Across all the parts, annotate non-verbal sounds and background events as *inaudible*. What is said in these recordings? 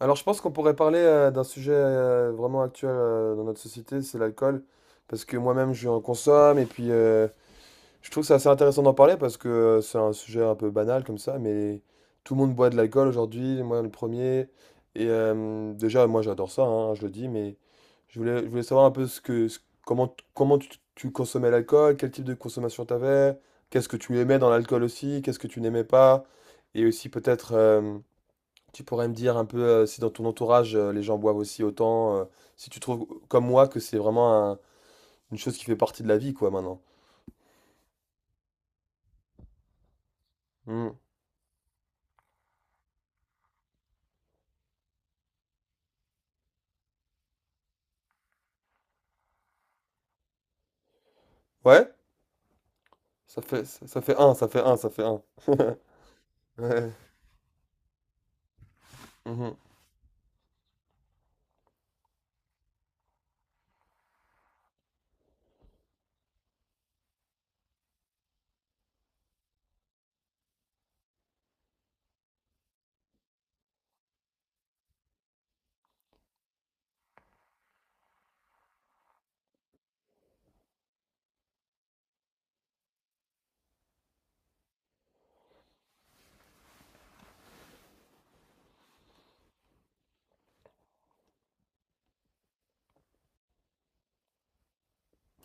Alors, je pense qu'on pourrait parler d'un sujet vraiment actuel dans notre société, c'est l'alcool. Parce que moi-même, je en consomme. Et puis, je trouve que c'est assez intéressant d'en parler parce que c'est un sujet un peu banal comme ça. Mais tout le monde boit de l'alcool aujourd'hui, moi le premier. Et déjà, moi, j'adore ça, hein, je le dis. Mais je voulais savoir un peu comment, comment tu consommais l'alcool, quel type de consommation tu avais, qu'est-ce que tu aimais dans l'alcool aussi, qu'est-ce que tu n'aimais pas. Et aussi, peut-être, tu pourrais me dire un peu si dans ton entourage les gens boivent aussi autant, si tu trouves comme moi que c'est vraiment une chose qui fait partie de la vie quoi maintenant. Hmm. Ouais? Ça fait ça, ça fait un, ça fait un, ça fait un. *laughs* Ouais. Mhm.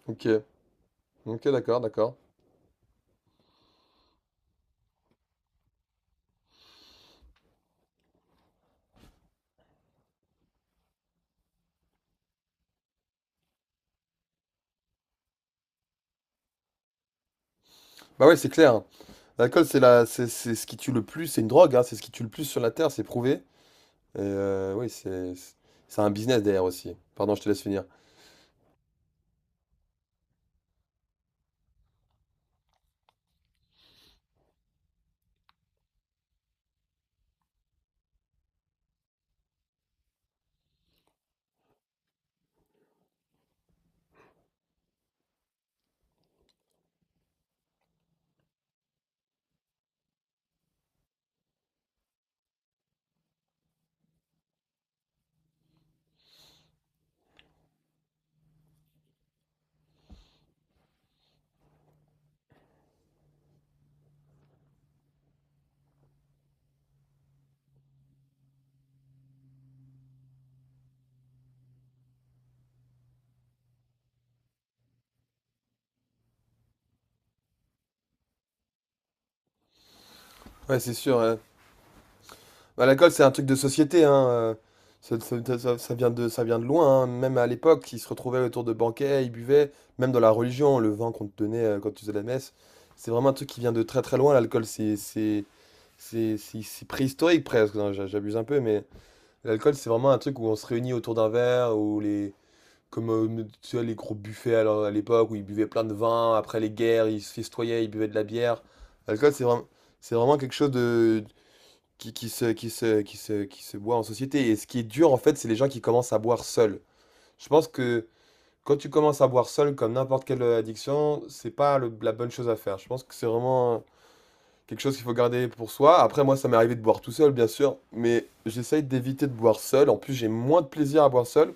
Ok. Ok, d'accord, d'accord. Bah ouais, c'est clair, hein. L'alcool, c'est la, c'est ce qui tue le plus. C'est une drogue, hein, c'est ce qui tue le plus sur la terre, c'est prouvé. Et oui, c'est un business derrière aussi. Pardon, je te laisse finir. Ouais, c'est sûr, hein. Bah, l'alcool, c'est un truc de société, hein, ça ça ça ça vient de loin, hein. Même à l'époque, ils se retrouvaient autour de banquets, ils buvaient, même dans la religion, le vin qu'on te donnait, quand tu faisais la messe. C'est vraiment un truc qui vient de très, très loin, l'alcool. C'est préhistorique presque, non, j'abuse un peu, mais l'alcool, c'est vraiment un truc où on se réunit autour d'un verre, ou les comme, tu vois, les gros buffets à l'époque où ils buvaient plein de vin, après les guerres, ils se festoyaient, ils buvaient de la bière. L'alcool, c'est vraiment quelque chose de qui, qui se boit en société. Et ce qui est dur, en fait, c'est les gens qui commencent à boire seuls. Je pense que quand tu commences à boire seul, comme n'importe quelle addiction, c'est pas la bonne chose à faire. Je pense que c'est vraiment quelque chose qu'il faut garder pour soi. Après, moi, ça m'est arrivé de boire tout seul, bien sûr, mais j'essaye d'éviter de boire seul. En plus, j'ai moins de plaisir à boire seul.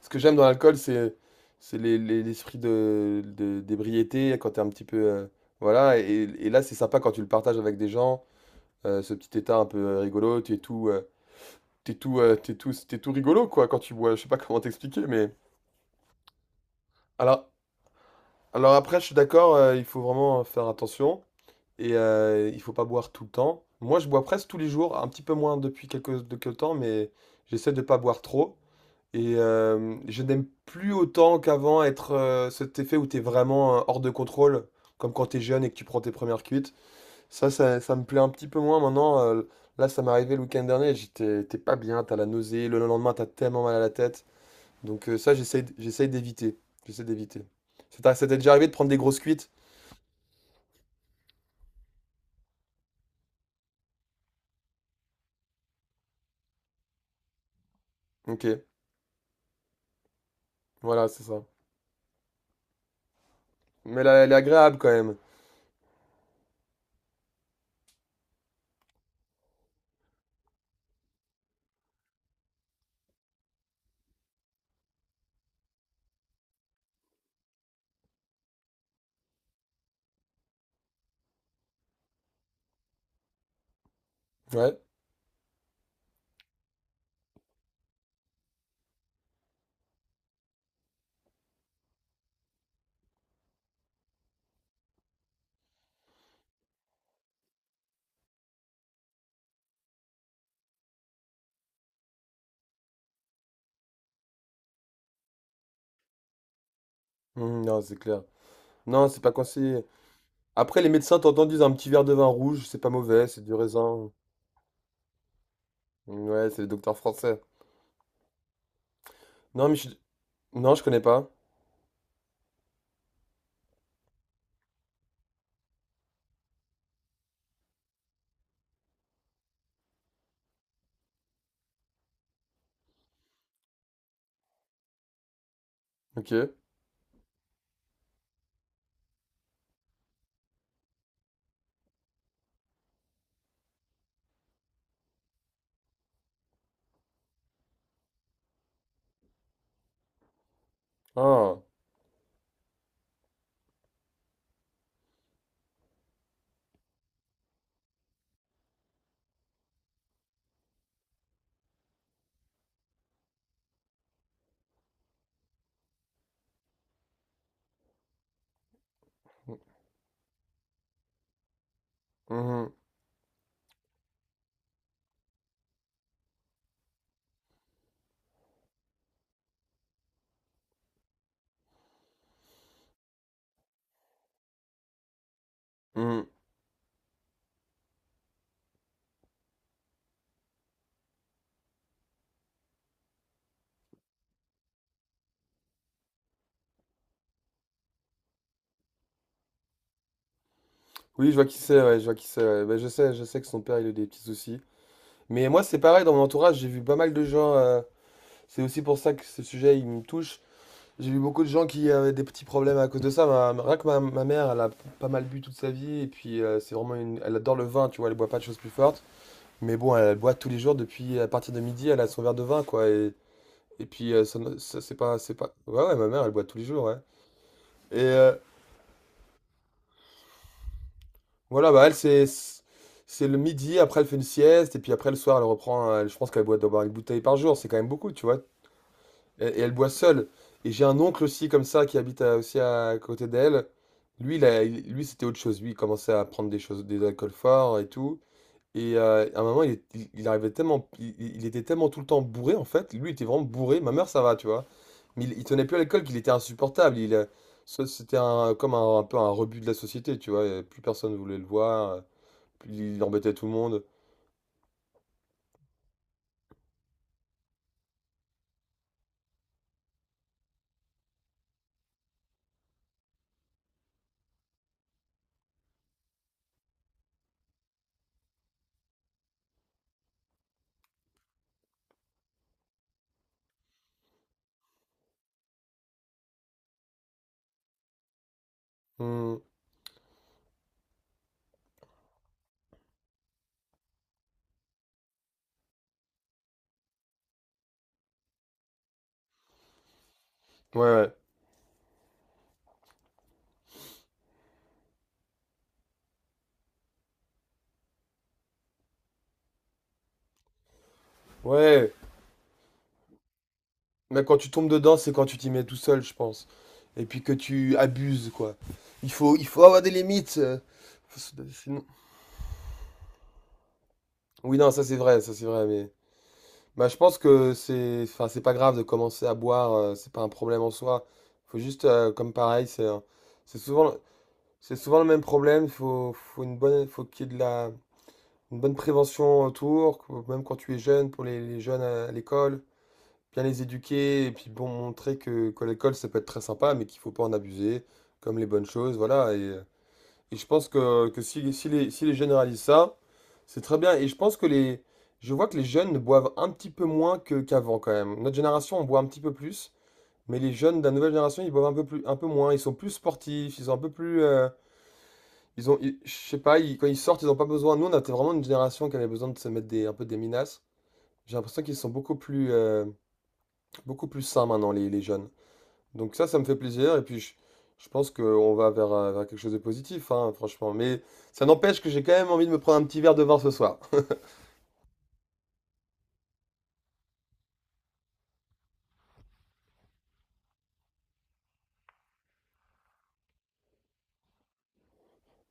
Ce que j'aime dans l'alcool, c'est l'esprit d'ébriété, quand t'es un petit peu... voilà, et là, c'est sympa quand tu le partages avec des gens, ce petit état un peu rigolo, tu es tout... t'es tout, tu tout, tu es tout rigolo, quoi, quand tu bois. Je sais pas comment t'expliquer, mais... Alors, alors, après, je suis d'accord, il faut vraiment faire attention. Et il faut pas boire tout le temps. Moi, je bois presque tous les jours, un petit peu moins depuis quelques temps, mais j'essaie de pas boire trop. Et je n'aime plus autant qu'avant être cet effet où tu es vraiment hors de contrôle, comme quand tu es jeune et que tu prends tes premières cuites. Ça me plaît un petit peu moins maintenant. Là, ça m'est arrivé le week-end dernier, j'étais t'es pas bien, t'as la nausée, le lendemain, t'as tellement mal à la tête. Donc ça, j'essaye d'éviter. J'essaie d'éviter. Ça t'est déjà arrivé de prendre des grosses cuites? Ok, voilà, c'est ça. Mais là elle est agréable quand même. Ouais. Mhm, non, c'est clair. Non, c'est pas conseillé. Après, les médecins t'entendent disent un petit verre de vin rouge, c'est pas mauvais, c'est du raisin. Mmh, ouais, c'est le docteur français. Non, mais je... Non, je connais pas. Ok. Ah. Mhm, mhm. Oui, je vois qui c'est, ouais, je vois qui c'est, ouais. Ben, je sais que son père, il a eu des petits soucis. Mais moi, c'est pareil, dans mon entourage, j'ai vu pas mal de gens... C'est aussi pour ça que ce sujet, il me touche. J'ai vu beaucoup de gens qui avaient des petits problèmes à cause de ça. Rien que ma mère, elle a pas mal bu toute sa vie. Et puis, c'est vraiment une. Elle adore le vin, tu vois. Elle boit pas de choses plus fortes. Mais bon, elle boit tous les jours depuis. À partir de midi, elle a son verre de vin, quoi. Et puis, ça c'est pas, c'est pas. Ouais, ouais, ma mère, elle boit tous les jours, ouais. Et voilà, bah, elle, c'est. C'est le midi, après, elle fait une sieste. Et puis, après, le soir, elle reprend. Elle, je pense qu'elle boit d'abord une bouteille par jour. C'est quand même beaucoup, tu vois. Et elle boit seule. Et j'ai un oncle aussi comme ça qui habite aussi à côté d'elle. Lui, lui c'était autre chose. Lui, il commençait à prendre des choses, des alcools forts et tout. Et à un moment, il arrivait tellement, il était tellement tout le temps bourré en fait. Lui, il était vraiment bourré. Ma mère, ça va, tu vois. Mais il tenait plus à l'alcool, qu'il était insupportable. Ça c'était comme un peu un rebut de la société, tu vois. Et plus personne voulait le voir. Plus il embêtait tout le monde. Hmm. Ouais, ouais. Ouais. Mais quand tu tombes dedans, c'est quand tu t'y mets tout seul, je pense. Et puis que tu abuses, quoi. Il faut avoir des limites. Faut se- sinon- Oui, non, ça c'est vrai, mais... Bah, je pense que c'est, enfin, c'est pas grave de commencer à boire, c'est pas un problème en soi. Faut juste, comme pareil, c'est souvent, c'est souvent le même problème. Faut une bonne, faut qu'il y ait de la, une bonne prévention autour, même quand tu es jeune, pour les jeunes à l'école. Bien les éduquer et puis bon montrer que l'école ça peut être très sympa mais qu'il faut pas en abuser comme les bonnes choses voilà et je pense que si les jeunes réalisent ça c'est très bien et je pense que les je vois que les jeunes boivent un petit peu moins que qu'avant quand même, notre génération on boit un petit peu plus, mais les jeunes de la nouvelle génération ils boivent un peu moins, ils sont plus sportifs, ils sont un peu plus je sais pas quand ils sortent ils ont pas besoin, nous on était vraiment une génération qui avait besoin de se mettre des un peu des minaces, j'ai l'impression qu'ils sont beaucoup plus sains maintenant les jeunes. Donc ça me fait plaisir et puis je pense qu'on va vers, vers quelque chose de positif, hein, franchement. Mais ça n'empêche que j'ai quand même envie de me prendre un petit verre de vin ce soir. *laughs*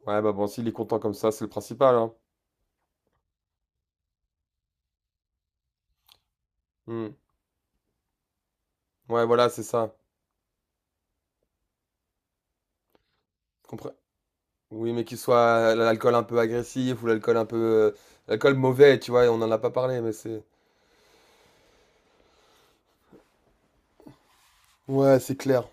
Ouais, bah bon, s'il est content comme ça, c'est le principal, hein. Hmm. Ouais, voilà, c'est ça. Compre- Oui, mais qu'il soit l'alcool un peu agressif ou l'alcool un peu... l'alcool mauvais, tu vois, on n'en a pas parlé, mais c'est... Ouais, c'est clair.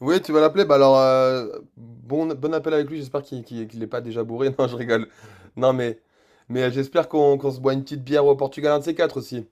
Oui, tu vas l'appeler, bah alors, bon, bon appel avec lui, j'espère qu'il est pas déjà bourré. *laughs* Non, je rigole. Non, mais j'espère qu'on se boit une petite bière au Portugal, un de ces quatre aussi.